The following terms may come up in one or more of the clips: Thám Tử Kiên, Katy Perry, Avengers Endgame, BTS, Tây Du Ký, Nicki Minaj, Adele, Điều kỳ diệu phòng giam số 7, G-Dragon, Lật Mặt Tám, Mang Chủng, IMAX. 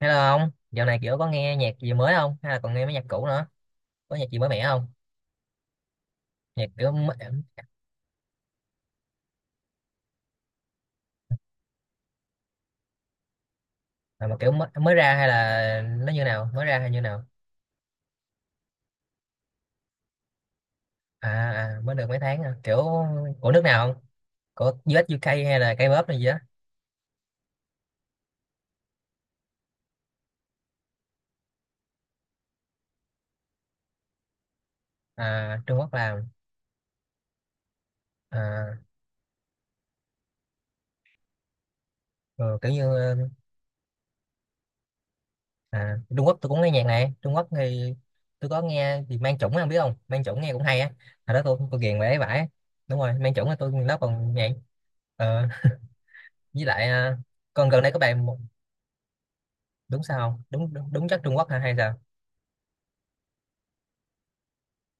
Hello ông, dạo này kiểu có nghe nhạc gì mới không? Hay là còn nghe mấy nhạc cũ nữa? Có nhạc gì mới mẻ không? Nhạc kiểu mới, mà kiểu mới ra hay là nó như nào? Mới ra hay như nào? À, mới được mấy tháng à. Kiểu của nước nào không? Của US UK hay là K-pop này gì á? À, Trung Quốc làm. À, ừ, kiểu như Trung Quốc tôi cũng nghe nhạc này. Trung Quốc thì tôi có nghe thì Mang Chủng không biết không? Mang Chủng nghe cũng hay á. Hồi đó tôi ghiền về ấy vãi. Đúng rồi, Mang Chủng là tôi nó còn nhạc. Ờ, với lại còn gần đây có bài một đúng sao đúng đúng, đúng chất Trung Quốc hả hay sao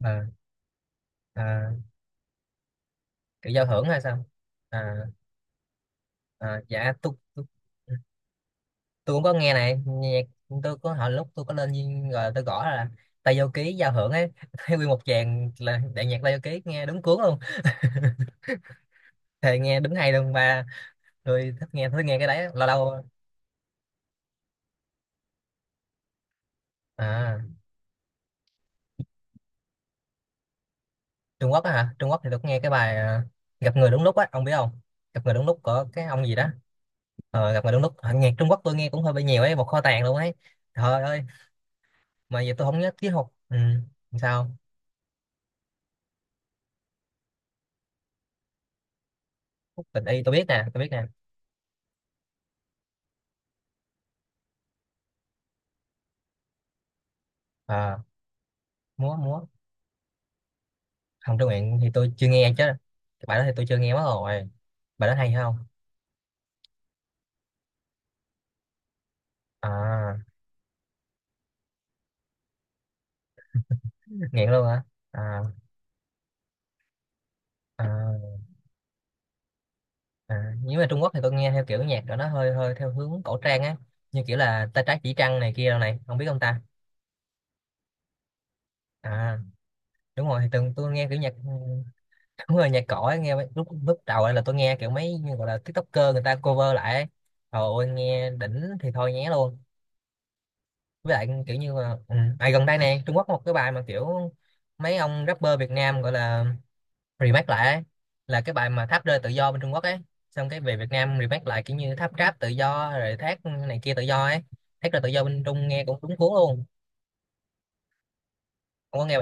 à, à, kiểu giao hưởng hay sao à, dạ tôi cũng có nghe này nhạc tôi có hồi lúc tôi có lên Duyên rồi tôi gõ là Tây Du Ký giao hưởng ấy thấy nguyên một tràng là đại nhạc Tây Du Ký nghe đúng cuốn luôn thì nghe đúng hay luôn ba tôi thích nghe cái đấy lâu lâu. À, Trung Quốc á hả. Trung Quốc thì tôi có nghe cái bài gặp người đúng lúc á, ông biết không? Gặp người đúng lúc của cái ông gì đó. Gặp người đúng lúc. Ờ, nhạc Trung Quốc tôi nghe cũng hơi bị nhiều ấy, một kho tàng luôn ấy. Trời ơi, mà giờ tôi không nhớ tiết học ừ. Sao khúc tình y tôi biết nè, tôi biết nè. À, múa múa hồng trương nguyện thì tôi chưa nghe chứ. Cái bài đó thì tôi chưa nghe mất rồi. Bài đó hay hay không? À, nghiện luôn hả? à, à, Nếu mà Trung Quốc thì tôi nghe theo kiểu nhạc của nó hơi hơi theo hướng cổ trang á, như kiểu là tay trái chỉ trăng này kia đâu này không biết không ta? À, đúng rồi thì từng tôi nghe kiểu nhạc đúng rồi nhạc cổ ấy, nghe mấy- lúc lúc đầu ấy là tôi nghe kiểu mấy như gọi là TikToker người ta cover lại ấy. Trời ơi nghe đỉnh thì thôi nhé luôn. Với lại kiểu như là ừ. Gần đây này Trung Quốc có một cái bài mà kiểu mấy ông rapper Việt Nam gọi là remake lại ấy. Là cái bài mà tháp rơi tự do bên Trung Quốc ấy, xong cái về Việt Nam remake lại kiểu như tháp rap tự do rồi thác này kia tự do ấy. Thác rơi tự do bên Trung nghe cũng đúng cuốn luôn. Ông có nghe,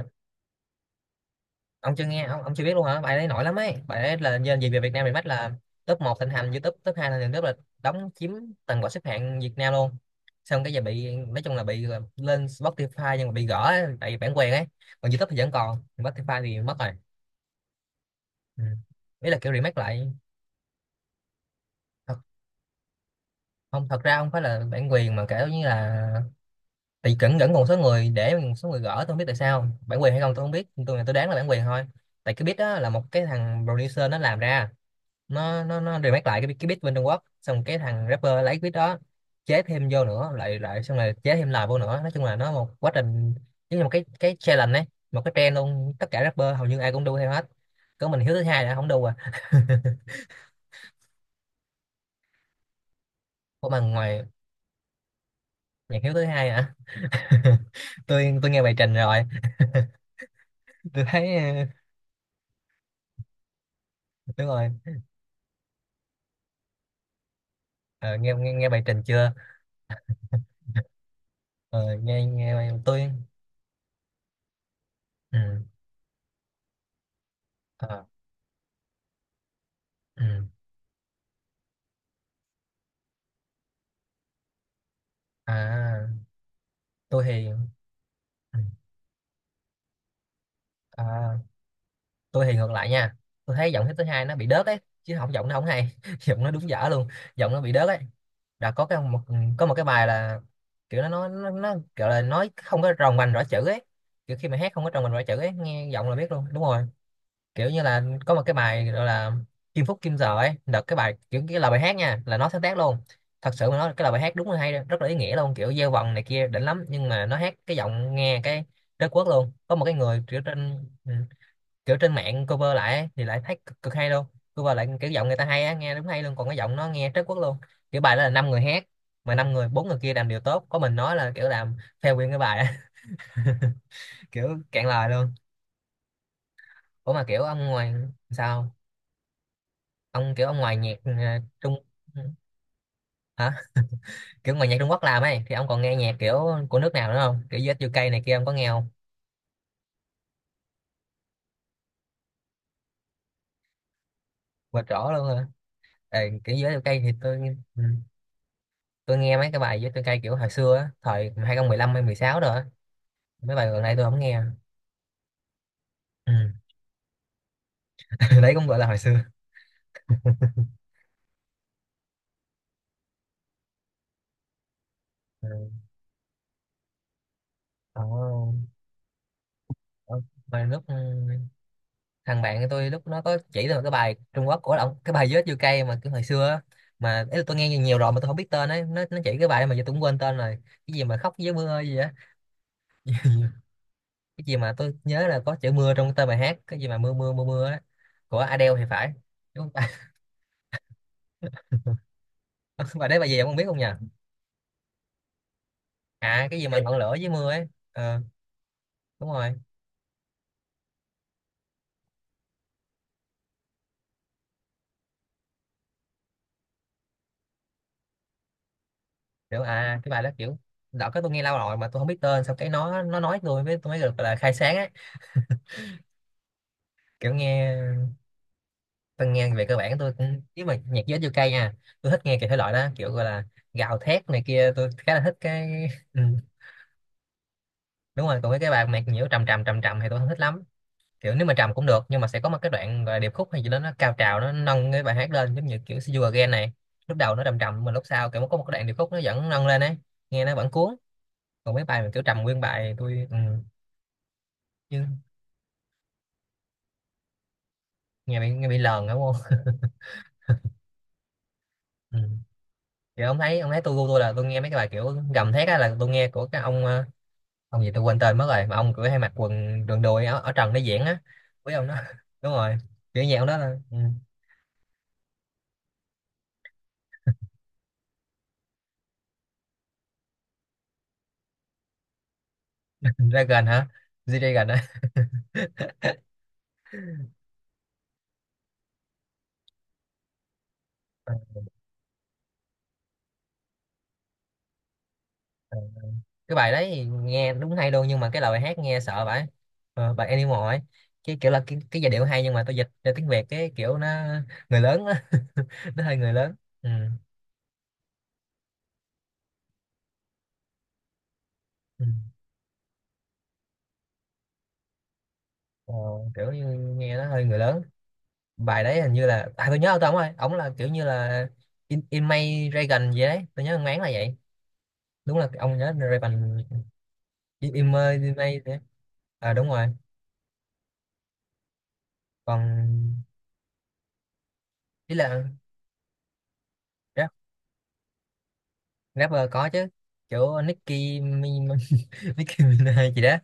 ông chưa nghe, ông chưa biết luôn hả? Bài đấy nổi lắm ấy, bài đấy là nhân gì về Việt Nam Remake là top một thịnh hành YouTube, top 2 thịnh hành YouTube là đóng chiếm toàn bộ xếp hạng Việt Nam luôn. Xong cái giờ bị nói chung là bị là lên Spotify nhưng mà bị gỡ ấy, tại vì bản quyền ấy. Còn YouTube thì vẫn còn, còn Spotify thì mất rồi. Ừ. Ý là kiểu remake lại. Thật, không thật ra không phải là bản quyền mà kiểu như là bị cẩn cẩn một số người, để một số người gỡ, tôi không biết tại sao bản quyền hay không tôi không biết, tôi đoán là bản quyền thôi. Tại cái beat đó là một cái thằng producer nó làm ra, nó remake lại cái beat bên Trung Quốc, xong cái thằng rapper lấy beat đó chế thêm vô nữa lại lại xong rồi chế thêm lại vô nữa, nói chung là nó một quá trình giống như một cái challenge ấy, một cái trend luôn, tất cả rapper hầu như ai cũng đu theo hết. Có mình Hiếu thứ hai đã không đu à. Của mà ngoài nhạc Hiếu thứ hai hả? Tôi nghe bài trình rồi. Tôi thấy đúng rồi. Ờ, nghe, nghe bài trình chưa? Ờ, nghe nghe bài- tôi ừ. Ờ, ừ. À tôi thì ừ. À tôi thì ngược lại nha. Tôi thấy giọng Hiếp thứ hai nó bị đớt ấy chứ không, giọng nó không hay giọng nó đúng dở luôn, giọng nó bị đớt ấy. Đã có cái một, có một cái bài là kiểu nó gọi là nói không có tròn vành rõ chữ ấy. Kiểu khi mà hát không có tròn vành rõ chữ ấy nghe giọng là biết luôn đúng rồi. Kiểu như là có một cái bài gọi là Kim Phúc Kim Giờ ấy, đợt cái bài kiểu cái lời bài hát nha là nó sáng tác luôn. Thật sự mà nói cái lời bài hát đúng là hay, rất là ý nghĩa luôn, kiểu gieo vần này kia đỉnh lắm, nhưng mà nó hát cái giọng nghe cái đất quốc luôn. Có một cái người kiểu trên ừ, kiểu trên mạng cover lại ấy, thì lại thấy cực hay luôn. Cover lại kiểu giọng người ta hay á nghe đúng hay luôn, còn cái giọng nó nghe trớt quốc luôn. Kiểu bài đó là năm người hát mà năm người, bốn người kia làm điều tốt có mình nói là kiểu làm fail nguyên cái bài á. Kiểu cạn lời luôn. Ủa mà kiểu ông ngoài, sao ông kiểu ông ngoài nhạc trung hả, kiểu ngoài nhạc Trung Quốc làm ấy thì ông còn nghe nhạc kiểu của nước nào nữa không, kiểu US UK này kia ông có nghe không? Và rõ luôn hả? Ê, kiểu US UK thì tôi ừ, tôi nghe mấy cái bài US UK kiểu hồi xưa á, thời 2015 hay 16 rồi á, mấy bài gần đây tôi không nghe. Ừ. Đấy cũng gọi là hồi xưa. Ừ. Còn ờ, mà lúc ừ, thằng bạn của tôi lúc nó có chỉ tôi một cái bài Trung Quốc của ông cái bài Vết chưa Cây mà cái hồi xưa á. Mà ý là tôi nghe nhiều nhiều rồi mà tôi không biết tên ấy, nó chỉ cái bài mà giờ tôi cũng quên tên rồi. Cái gì mà khóc với mưa gì á. Cái gì mà tôi nhớ là có chữ mưa trong tên bài hát, cái gì mà mưa mưa mưa mưa á, của Adele thì phải, đúng không? Bài đấy bài gì ông không biết không nhỉ? À cái gì mà ngọn lửa với mưa ấy, ờ đúng rồi. Kiểu à cái bài đó kiểu đợt cái tôi nghe lâu rồi mà tôi không biết tên, sau cái nó nói tôi với tôi mới được là khai sáng á. Kiểu nghe, tôi nghe về cơ bản tôi cũng, nếu mà nhạc giới u ca nha, tôi thích nghe cái thể loại đó kiểu gọi là gào thét này kia tôi khá là thích cái ừ, đúng rồi. Còn mấy cái bài nhạc nhiễu trầm trầm thì tôi không thích lắm. Kiểu nếu mà trầm cũng được nhưng mà sẽ có một cái đoạn gọi là điệp khúc hay gì đó nó cao trào nó nâng cái bài hát lên, giống như kiểu See You Again này, lúc đầu nó trầm trầm mà lúc sau kiểu có một cái đoạn điệp khúc nó vẫn nâng lên ấy, nghe nó vẫn cuốn. Còn mấy bài mà kiểu trầm nguyên bài tôi ừ, như nghe bị, nghe bị lờn đúng không? Ừ. Kiểu ông thấy, ông thấy tôi gu tôi là tôi nghe mấy cái bài kiểu gầm thét á là tôi nghe của cái ông ông gì tôi quên tên mất rồi mà ông cứ hay mặc quần đường đùi ở trần để diễn á, với ông đó. Đúng rồi, kiểu nhạc ông đó là ừ. Dragon hả? G-Dragon á. Ừ, ừ. Cái bài đấy thì nghe đúng hay luôn nhưng mà cái lời hát nghe sợ vậy. Ờ, bài Animal ấy, cái kiểu là cái giai điệu hay nhưng mà tôi dịch ra tiếng Việt cái kiểu nó người lớn á. Nó hơi người lớn. Ừ. Ừ. Ờ, kiểu như nghe nó hơi người lớn. Bài đấy hình như là à tôi nhớ ông ta ông ơi ông là kiểu như là in May Dragon gì đấy tôi nhớ ông là vậy, đúng là ông nhớ Reagan. In May in May đấy. À đúng rồi. Còn ý là rap, rapper có chứ. Kiểu Nicki Mi- Nicki Minaj gì đó.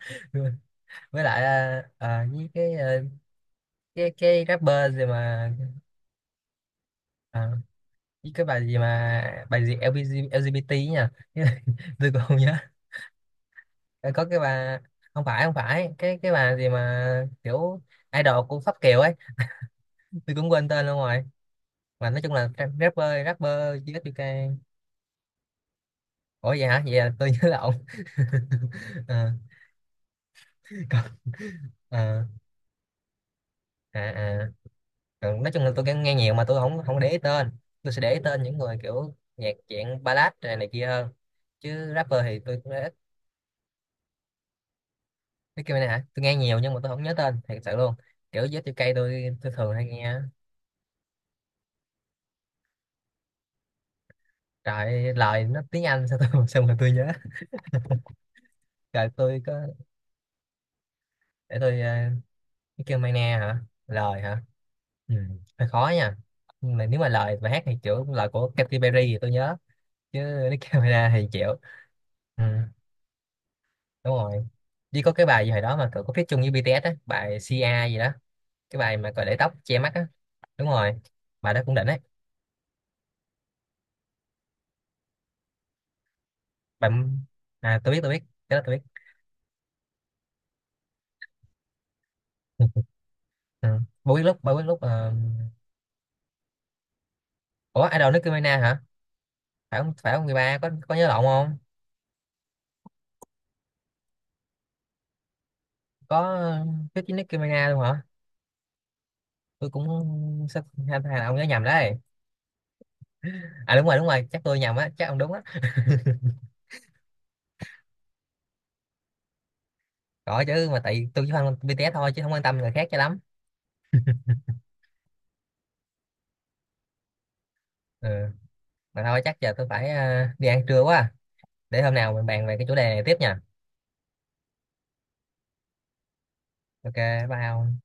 Với lại với cái cái rapper gì mà à, với cái bài gì mà bài gì LGBT nha tôi còn không nhớ. Ờ, có cái bà, không phải không phải cái bà gì mà kiểu idol của Pháp Kiều ấy, tôi cũng quên tên luôn rồi, mà nói chung là ra- rapper rapper GSUK. Ủa vậy hả, vậy là tôi nhớ lộn. Ờ, còn, ờ, à, à. Còn nói chung là tôi nghe nghe nhiều mà tôi không không để ý tên, tôi sẽ để ý tên những người kiểu nhạc dạng ballad này, này kia hơn, chứ rapper thì tôi cũng ít. Cái kia này hả, tôi nghe nhiều nhưng mà tôi không nhớ tên thật sự luôn. Kiểu GSUK tôi thường hay nghe. Trời lời nó tiếng Anh sao tôi sao mà tôi nhớ. Rồi tôi có, để tôi cái kêu Mai Na hả? Lời hả? Ừ, hơi khó nha. Nhưng mà nếu mà lời và hát thì kiểu lời của Katy Perry thì tôi nhớ, chứ nếu kêu Mai Na thì chịu. Ừ, đúng rồi. Chỉ có cái bài gì hồi đó mà cậu có feat chung với BTS á, bài CA gì đó, cái bài mà cậu để tóc che mắt á, đúng rồi. Bài đó cũng đỉnh ấy. Bài à tôi biết, tôi biết, cái đó tôi biết. Ừ. Bà biết lúc bao biết lúc ờ, ủa idol Nicki Minaj hả? Phải không phải không? Người ba có nhớ lộn không? Có feat với Nicki Minaj luôn hả? Tôi cũng sắp hay hai là ông nhớ nhầm đấy. À đúng rồi chắc tôi nhầm á, chắc ông đúng á. Gọi chứ mà tại tôi chỉ quan BTS thôi chứ không quan tâm người khác cho lắm. Ừ. Mà thôi chắc giờ tôi phải đi ăn trưa quá, để hôm nào mình bàn về cái chủ đề này tiếp nha. OK, bye ông.